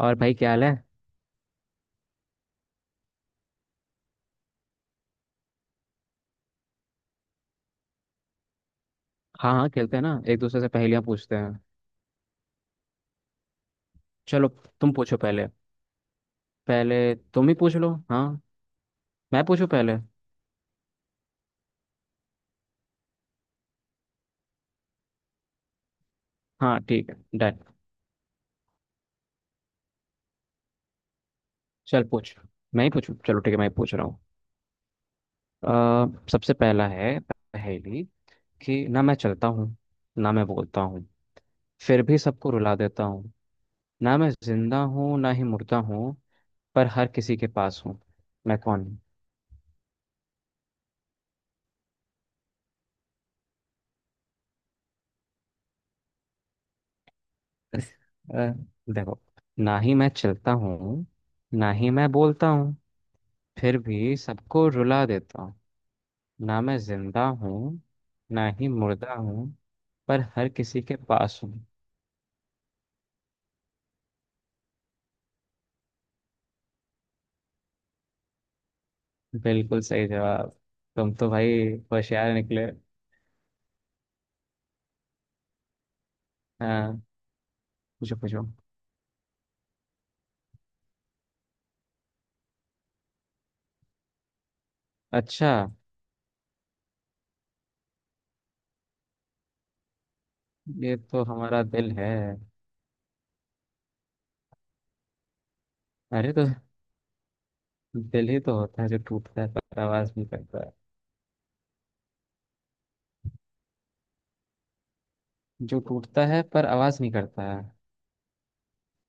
और भाई क्या हाल है। हाँ हाँ, खेलते हैं ना, एक दूसरे से पहेलियाँ पूछते हैं। चलो तुम पूछो पहले। पहले तुम ही पूछ लो, हाँ। मैं पूछूँ पहले। हाँ ठीक है, डन। चल पूछ। मैं ही पूछूँ, चलो ठीक है, मैं ही पूछ रहा हूँ। सबसे पहला है पहेली कि ना मैं चलता हूँ, ना मैं बोलता हूँ, फिर भी सबको रुला देता हूँ। ना मैं जिंदा हूँ ना ही मुर्दा हूँ, पर हर किसी के पास हूँ। मैं कौन? अ, देखो, ना ही मैं चलता हूँ, ना ही मैं बोलता हूँ, फिर भी सबको रुला देता हूँ। ना मैं जिंदा हूँ ना ही मुर्दा हूँ, पर हर किसी के पास हूँ। बिल्कुल सही जवाब। तुम तो भाई होशियार निकले। हाँ, पूछो पूछो। अच्छा। ये तो हमारा दिल है। अरे तो दिल ही तो होता है जो टूटता है पर आवाज नहीं करता है। जो टूटता है पर आवाज नहीं करता है।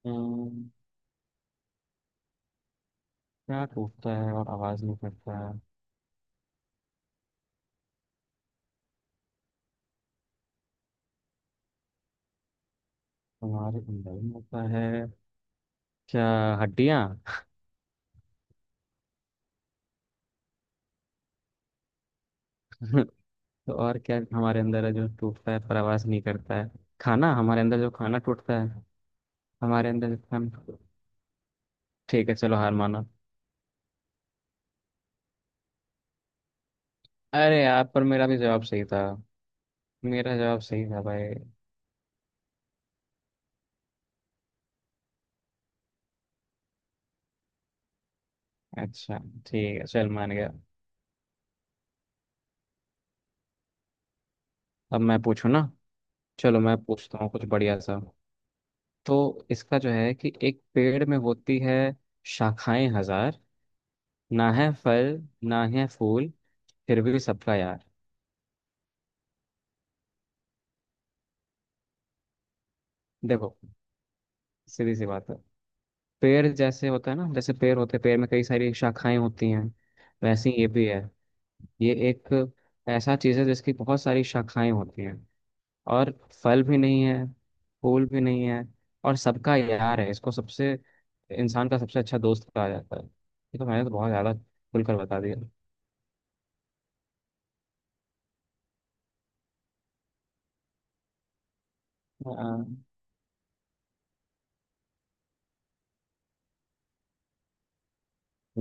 हम्म, क्या टूटता है और आवाज नहीं करता? हमारे अंदर में होता है? क्या? हड्डियाँ? तो और क्या हमारे अंदर है जो टूटता है पर आवाज नहीं करता है? खाना, हमारे अंदर जो खाना टूटता है। हमारे अंदर जो खाना। ठीक है चलो, हार माना। अरे यार, पर मेरा भी जवाब सही था। मेरा जवाब सही था भाई। अच्छा, ठीक है, चल मान गया। अब मैं पूछूँ ना। चलो मैं पूछता हूँ कुछ बढ़िया सा। तो इसका जो है कि एक पेड़ में होती है शाखाएं हजार, ना है फल ना है फूल, फिर भी सबका यार। देखो, सीधी सी बात है। पेड़ जैसे होता है ना, जैसे पेड़ होते हैं, पेड़ में कई सारी शाखाएं होती हैं। वैसे ही ये भी है। ये एक ऐसा चीज है जिसकी बहुत सारी शाखाएं होती हैं, और फल भी नहीं है, फूल भी नहीं है, और सबका यार है। इसको सबसे, इंसान का सबसे अच्छा दोस्त कहा जाता है। ये तो मैंने तो बहुत ज्यादा खुलकर बता दिया। आ,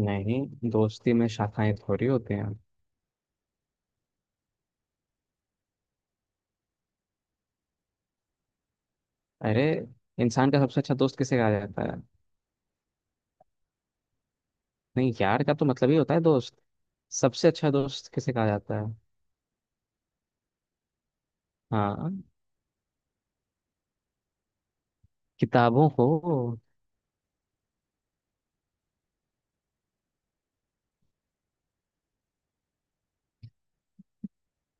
नहीं, दोस्ती में शाखाएं थोड़ी होती हैं। अरे, इंसान का सबसे अच्छा दोस्त किसे कहा जाता है? नहीं, यार का तो मतलब ही होता है दोस्त। सबसे अच्छा दोस्त किसे कहा जाता है? हाँ, किताबों को।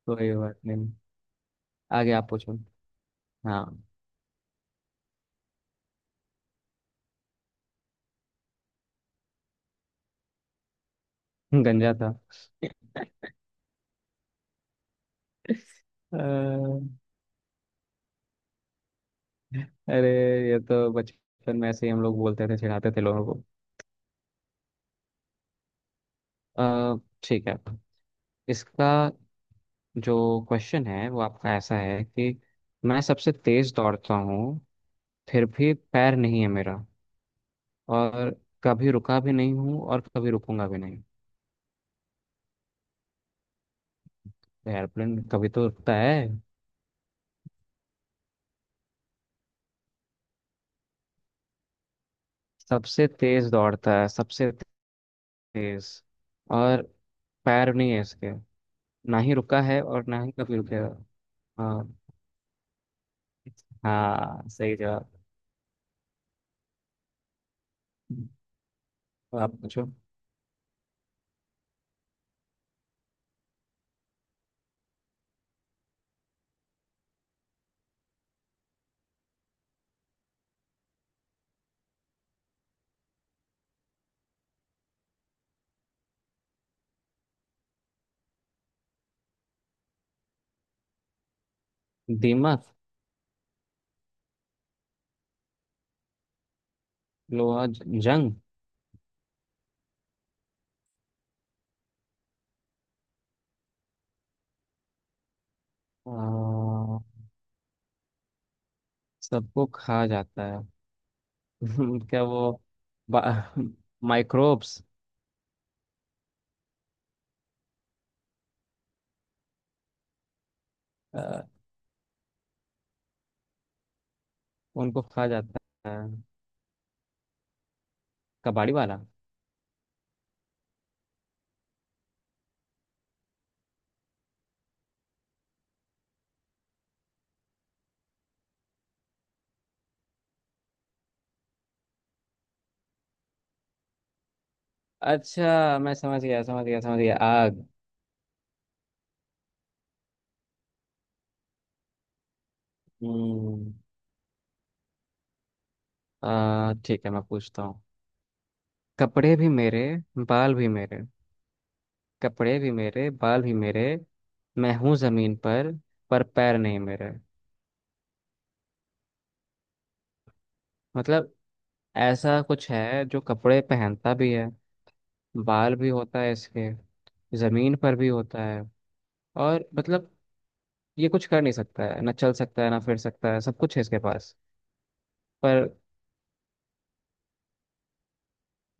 कोई बात नहीं। आगे आप पूछो। हाँ। गंजा था। अ, अरे, ये तो बचपन में ऐसे ही हम लोग बोलते थे, चिढ़ाते थे लोगों को। ठीक है। इसका जो क्वेश्चन है वो आपका ऐसा है कि मैं सबसे तेज दौड़ता हूँ, फिर भी पैर नहीं है मेरा। और कभी रुका भी नहीं हूँ और कभी रुकूंगा भी नहीं। एयरप्लेन कभी तो रुकता है। सबसे तेज दौड़ता है, सबसे तेज, और पैर नहीं है इसके, ना ही रुका है और ना ही कभी रुकेगा। हाँ। हाँ सही जवाब। तो आप पूछो। दीमक। लोहा, जंग। आ, सबको खा जाता है। क्या वो, माइक्रोब्स? उनको खा जाता है, कबाड़ी वाला। अच्छा मैं समझ गया, समझ गया, समझ गया, आग। हम्म। ठीक है, मैं पूछता हूँ। कपड़े भी मेरे, बाल भी मेरे। कपड़े भी मेरे, बाल भी मेरे, मैं हूँ जमीन पर पैर नहीं मेरे। मतलब ऐसा कुछ है जो कपड़े पहनता भी है, बाल भी होता है इसके, जमीन पर भी होता है, और मतलब ये कुछ कर नहीं सकता है, ना चल सकता है ना फिर सकता है, सब कुछ है इसके पास पर।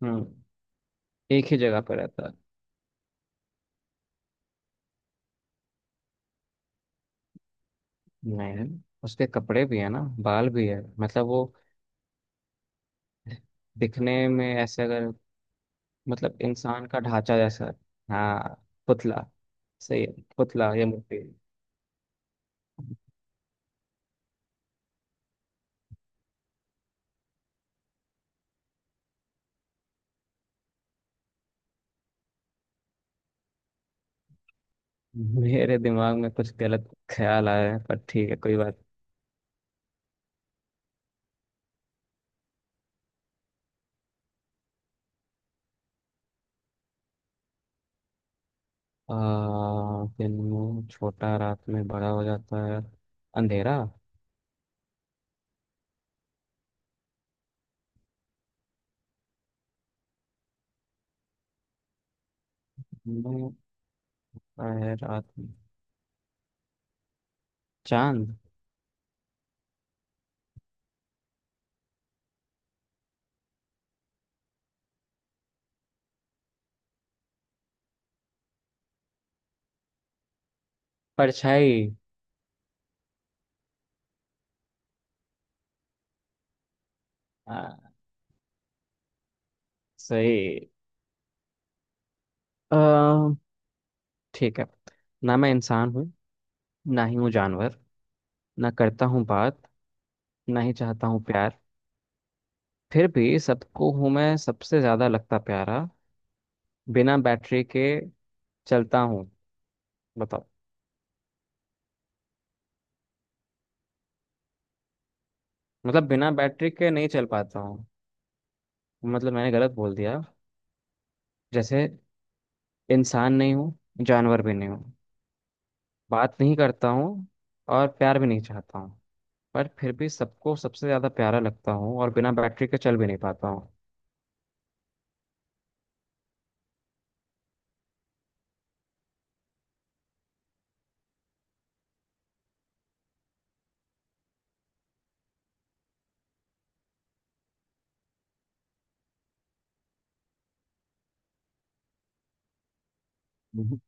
हम्म। एक ही जगह पर रहता है। नहीं, उसके कपड़े भी है ना, बाल भी है, मतलब वो दिखने में ऐसे, अगर मतलब इंसान का ढांचा जैसा। हाँ, पुतला। सही है। पुतला या मूर्ति। मेरे दिमाग में कुछ गलत ख्याल आया है, पर ठीक है कोई बात। आ, दिन में छोटा, रात में बड़ा हो जाता है। अंधेरा। दिन में बड़ा है रात में। चांद। परछाई। हाँ सही। आ, ठीक है। ना मैं इंसान हूँ, ना ही हूँ जानवर, ना करता हूँ बात, ना ही चाहता हूँ प्यार, फिर भी सबको हूँ मैं सबसे ज्यादा लगता प्यारा। बिना बैटरी के चलता हूँ। बताओ। मतलब बिना बैटरी के नहीं चल पाता हूँ। मतलब मैंने गलत बोल दिया। जैसे इंसान नहीं हूँ, जानवर भी नहीं हूँ, बात नहीं करता हूँ और प्यार भी नहीं चाहता हूँ। पर फिर भी सबको सबसे ज्यादा प्यारा लगता हूँ, और बिना बैटरी के चल भी नहीं पाता हूँ। हम्म।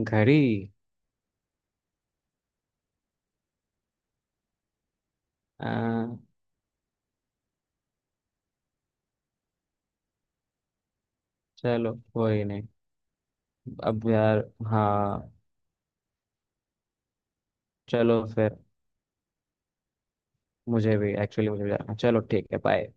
घड़ी। आ, चलो कोई नहीं। अब यार। हाँ। चलो फिर। मुझे भी एक्चुअली, मुझे भी जाना। चलो ठीक है, बाय।